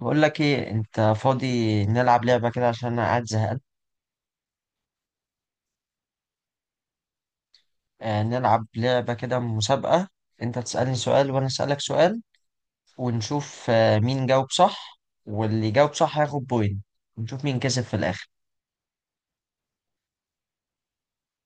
بقول لك ايه انت فاضي. نلعب لعبة كده عشان انا قاعد زهقان. آه نلعب لعبة كده مسابقة. انت تسألني سؤال وانا أسألك سؤال، ونشوف آه مين جاوب صح، واللي يجاوب صح هياخد بوينت، ونشوف مين كسب في الاخر.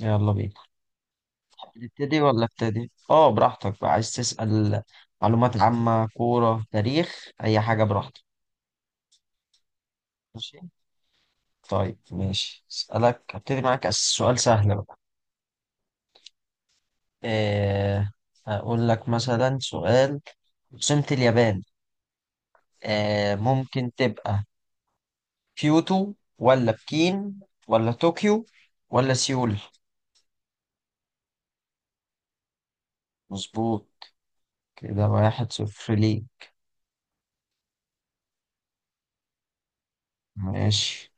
يلا بينا. تبتدي ولا ابتدي؟ اه براحتك بقى، عايز تسأل معلومات عامة، كورة، تاريخ، اي حاجة براحتك. ماشي. طيب ماشي اسألك، ابتدي معاك سؤال سهل بقى. آه هقول لك مثلا سؤال: عاصمة اليابان؟ آه ممكن تبقى كيوتو، ولا بكين، ولا طوكيو، ولا سيول. مظبوط. كده واحد صفر ليه. ماشي.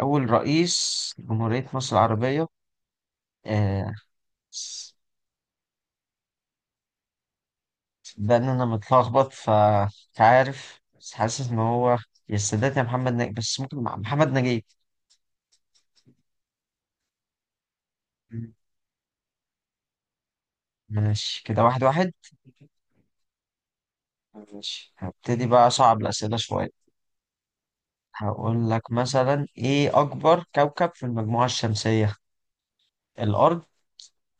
أول رئيس جمهورية مصر العربية؟ آه ده إن أنا متلخبط فمش عارف، بس حاسس إن هو يا السادات يا محمد نجيب، بس ممكن مع محمد نجيب. ماشي كده واحد واحد. ماشي هبتدي بقى أصعب الأسئلة شوية. هقول لك مثلا: إيه أكبر كوكب في المجموعة الشمسية؟ الأرض،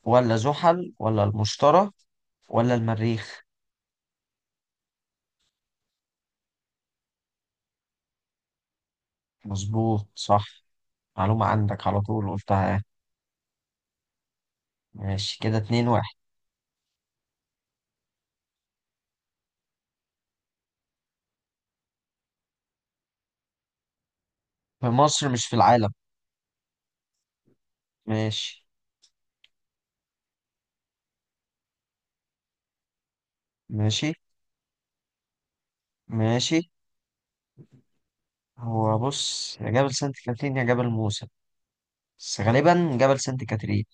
ولا زحل، ولا المشتري، ولا المريخ؟ مظبوط صح. معلومة عندك على طول قلتها يعني. ماشي كده اتنين واحد. في مصر مش في العالم. ماشي. ماشي. ماشي. هو بص يا جبل سانت كاترين يا جبل موسى، بس غالبا جبل سانت كاترين.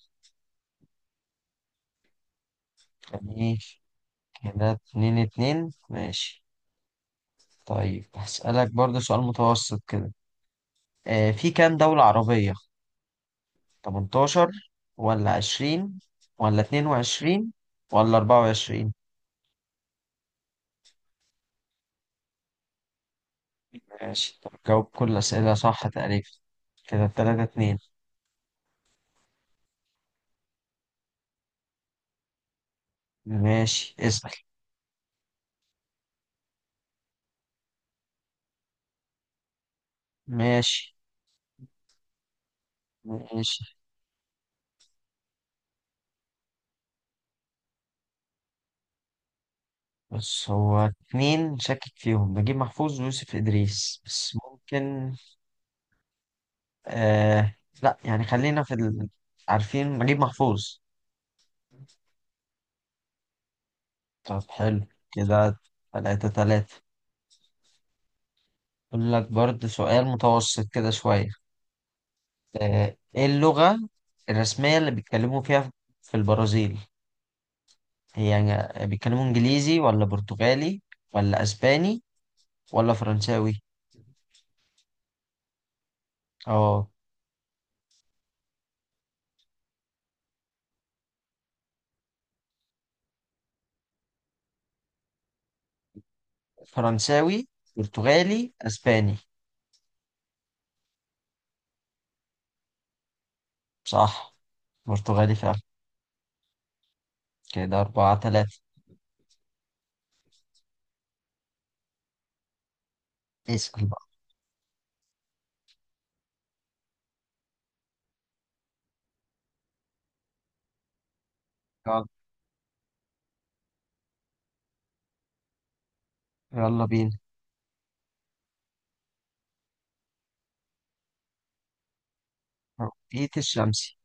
يعني كده اتنين اتنين ماشي. طيب هسألك برضه سؤال متوسط كده. آه في كام دولة عربية؟ 18 ولا 20 ولا 22 ولا 24؟ ماشي طب جاوب كل الأسئلة صح تقريبا. كده التلاتة اتنين. ماشي اسأل. ماشي. ماشي. بس هو اتنين شاكك فيهم، نجيب محفوظ ويوسف إدريس، بس ممكن آه، لا يعني خلينا في عارفين نجيب محفوظ. طب حلو كده. تلاتة تلاتة. أقول لك برضه سؤال متوسط كده شوية. آه، ايه اللغة الرسمية اللي بيتكلموا فيها في البرازيل؟ هي يعني بيتكلموا انجليزي، ولا برتغالي، ولا اسباني، ولا فرنساوي؟ اه فرنساوي، برتغالي، اسباني. صح، برتغالي فعلا. كده أربعة تلاتة. اسأل بقى. يلا يلا بينا. توقيت الشمسي.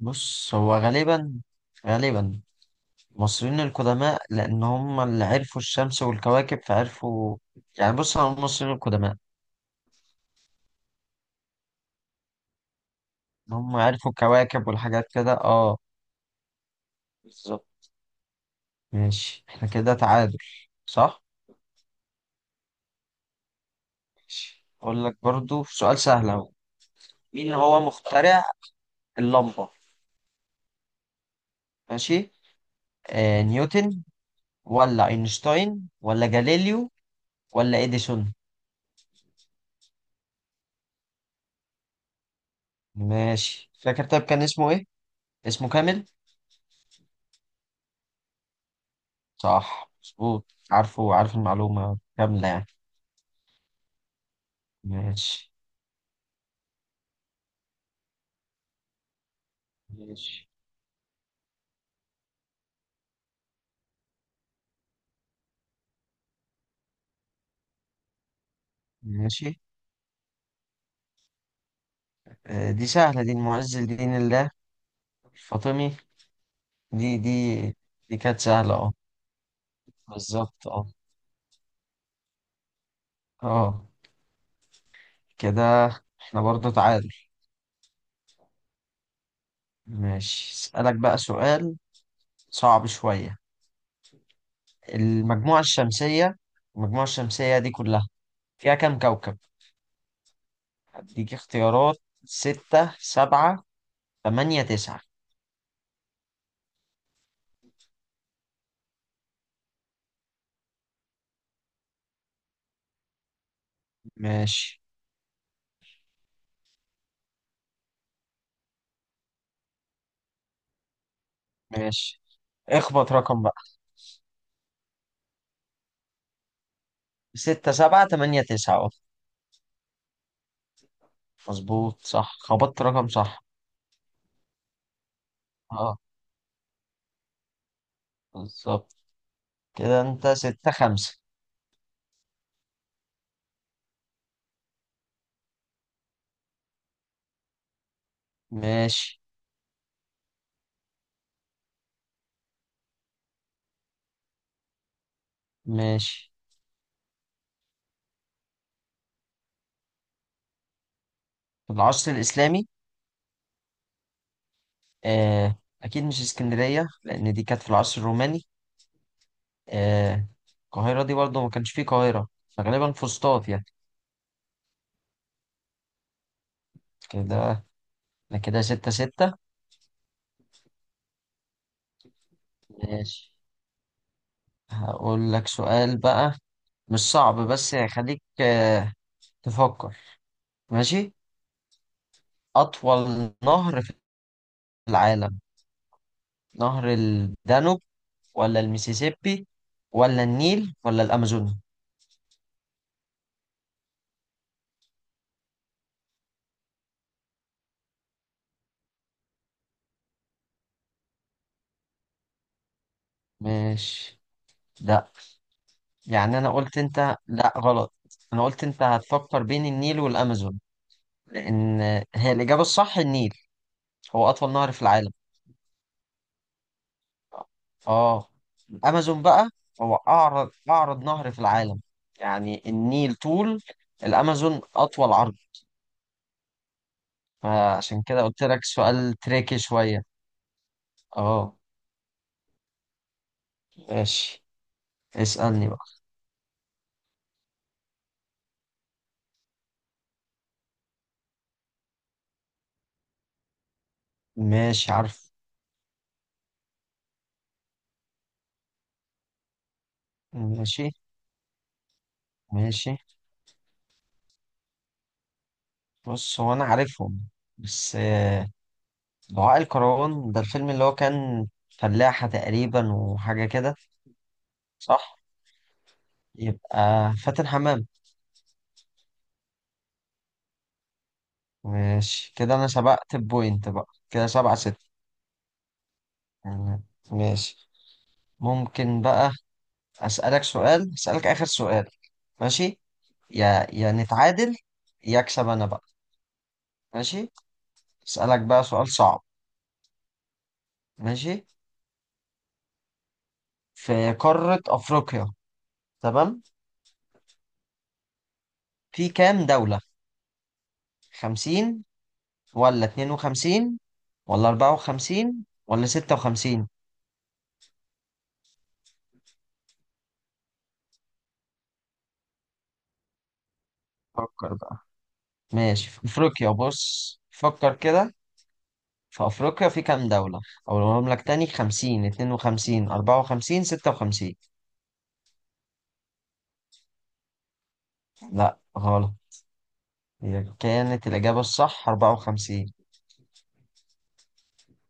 بص هو غالبا المصريين القدماء، لأن هم اللي عرفوا الشمس والكواكب فعرفوا يعني، بص على المصريين القدماء. هم عرفوا الكواكب والحاجات كده اه. بالظبط. ماشي احنا كده تعادل. صح. ماشي اقول لك برضو سؤال سهل اهو. مين هو مخترع اللمبة؟ ماشي. آه نيوتن، ولا اينشتاين، ولا جاليليو، ولا اديسون؟ ماشي فاكر طيب كان اسمه ايه، اسمه كامل؟ صح مظبوط. عارفه، عارف المعلومة كاملة يعني. ماشي. ماشي. ماشي آه دي سهلة، دي المعز لدين الله الفاطمي. دي دي كانت سهلة اه. بالظبط اه. اه كده احنا برضه تعادل. ماشي اسألك بقى سؤال صعب شوية. المجموعة الشمسية، المجموعة الشمسية دي كلها فيها كام كوكب؟ اديك اختيارات: ستة، سبعة، تمانية، تسعة. ماشي. ماشي اخبط رقم بقى. ستة سبعة تمانية تسعة اه. مظبوط صح، خبطت رقم صح. اه بالظبط. كده انت ستة خمسة. ماشي. ماشي في العصر الإسلامي. آه، أكيد مش اسكندرية لأن دي كانت في العصر الروماني. آه، القاهرة دي برضه ما كانش فيه قاهرة، فغالبا فسطاط يعني. كده أنا كده ستة ستة. ماشي هقول لك سؤال بقى، مش صعب بس هيخليك آه، تفكر. ماشي. أطول نهر في العالم، نهر الدانوب، ولا الميسيسيبي، ولا النيل، ولا الأمازون؟ ماشي. لا يعني أنا قلت، أنت لا غلط. أنا قلت أنت هتفكر بين النيل والأمازون، لأن هي الإجابة الصح النيل، هو أطول نهر في العالم. آه الأمازون بقى هو أعرض، أعرض نهر في العالم. يعني النيل طول، الأمازون أطول عرض. فعشان كده قلت لك سؤال تريكي شوية. آه ماشي. اسألني بقى. ماشي عارف. ماشي. ماشي بص هو أنا عارفهم بس آه، دعاء الكروان ده الفيلم اللي هو كان فلاحة تقريبا وحاجة كده. صح. يبقى فاتن حمام. ماشي كده انا سبقت بوينت بقى، كده سبعة ستة. تمام. ماشي ممكن بقى اسألك اخر سؤال. ماشي. يا نتعادل، يا اكسب انا بقى. ماشي. اسألك بقى سؤال صعب. ماشي. في قارة افريقيا، تمام، في كام دولة؟ خمسين، ولا اتنين وخمسين، ولا اربعة وخمسين، ولا ستة وخمسين؟ فكر بقى. ماشي في افريقيا بص فكر كده، في أفريقيا في كام دولة؟ أقولهم لك تاني: 50، 52، 54، 56. لا غلط. هي كانت الإجابة الصح 54.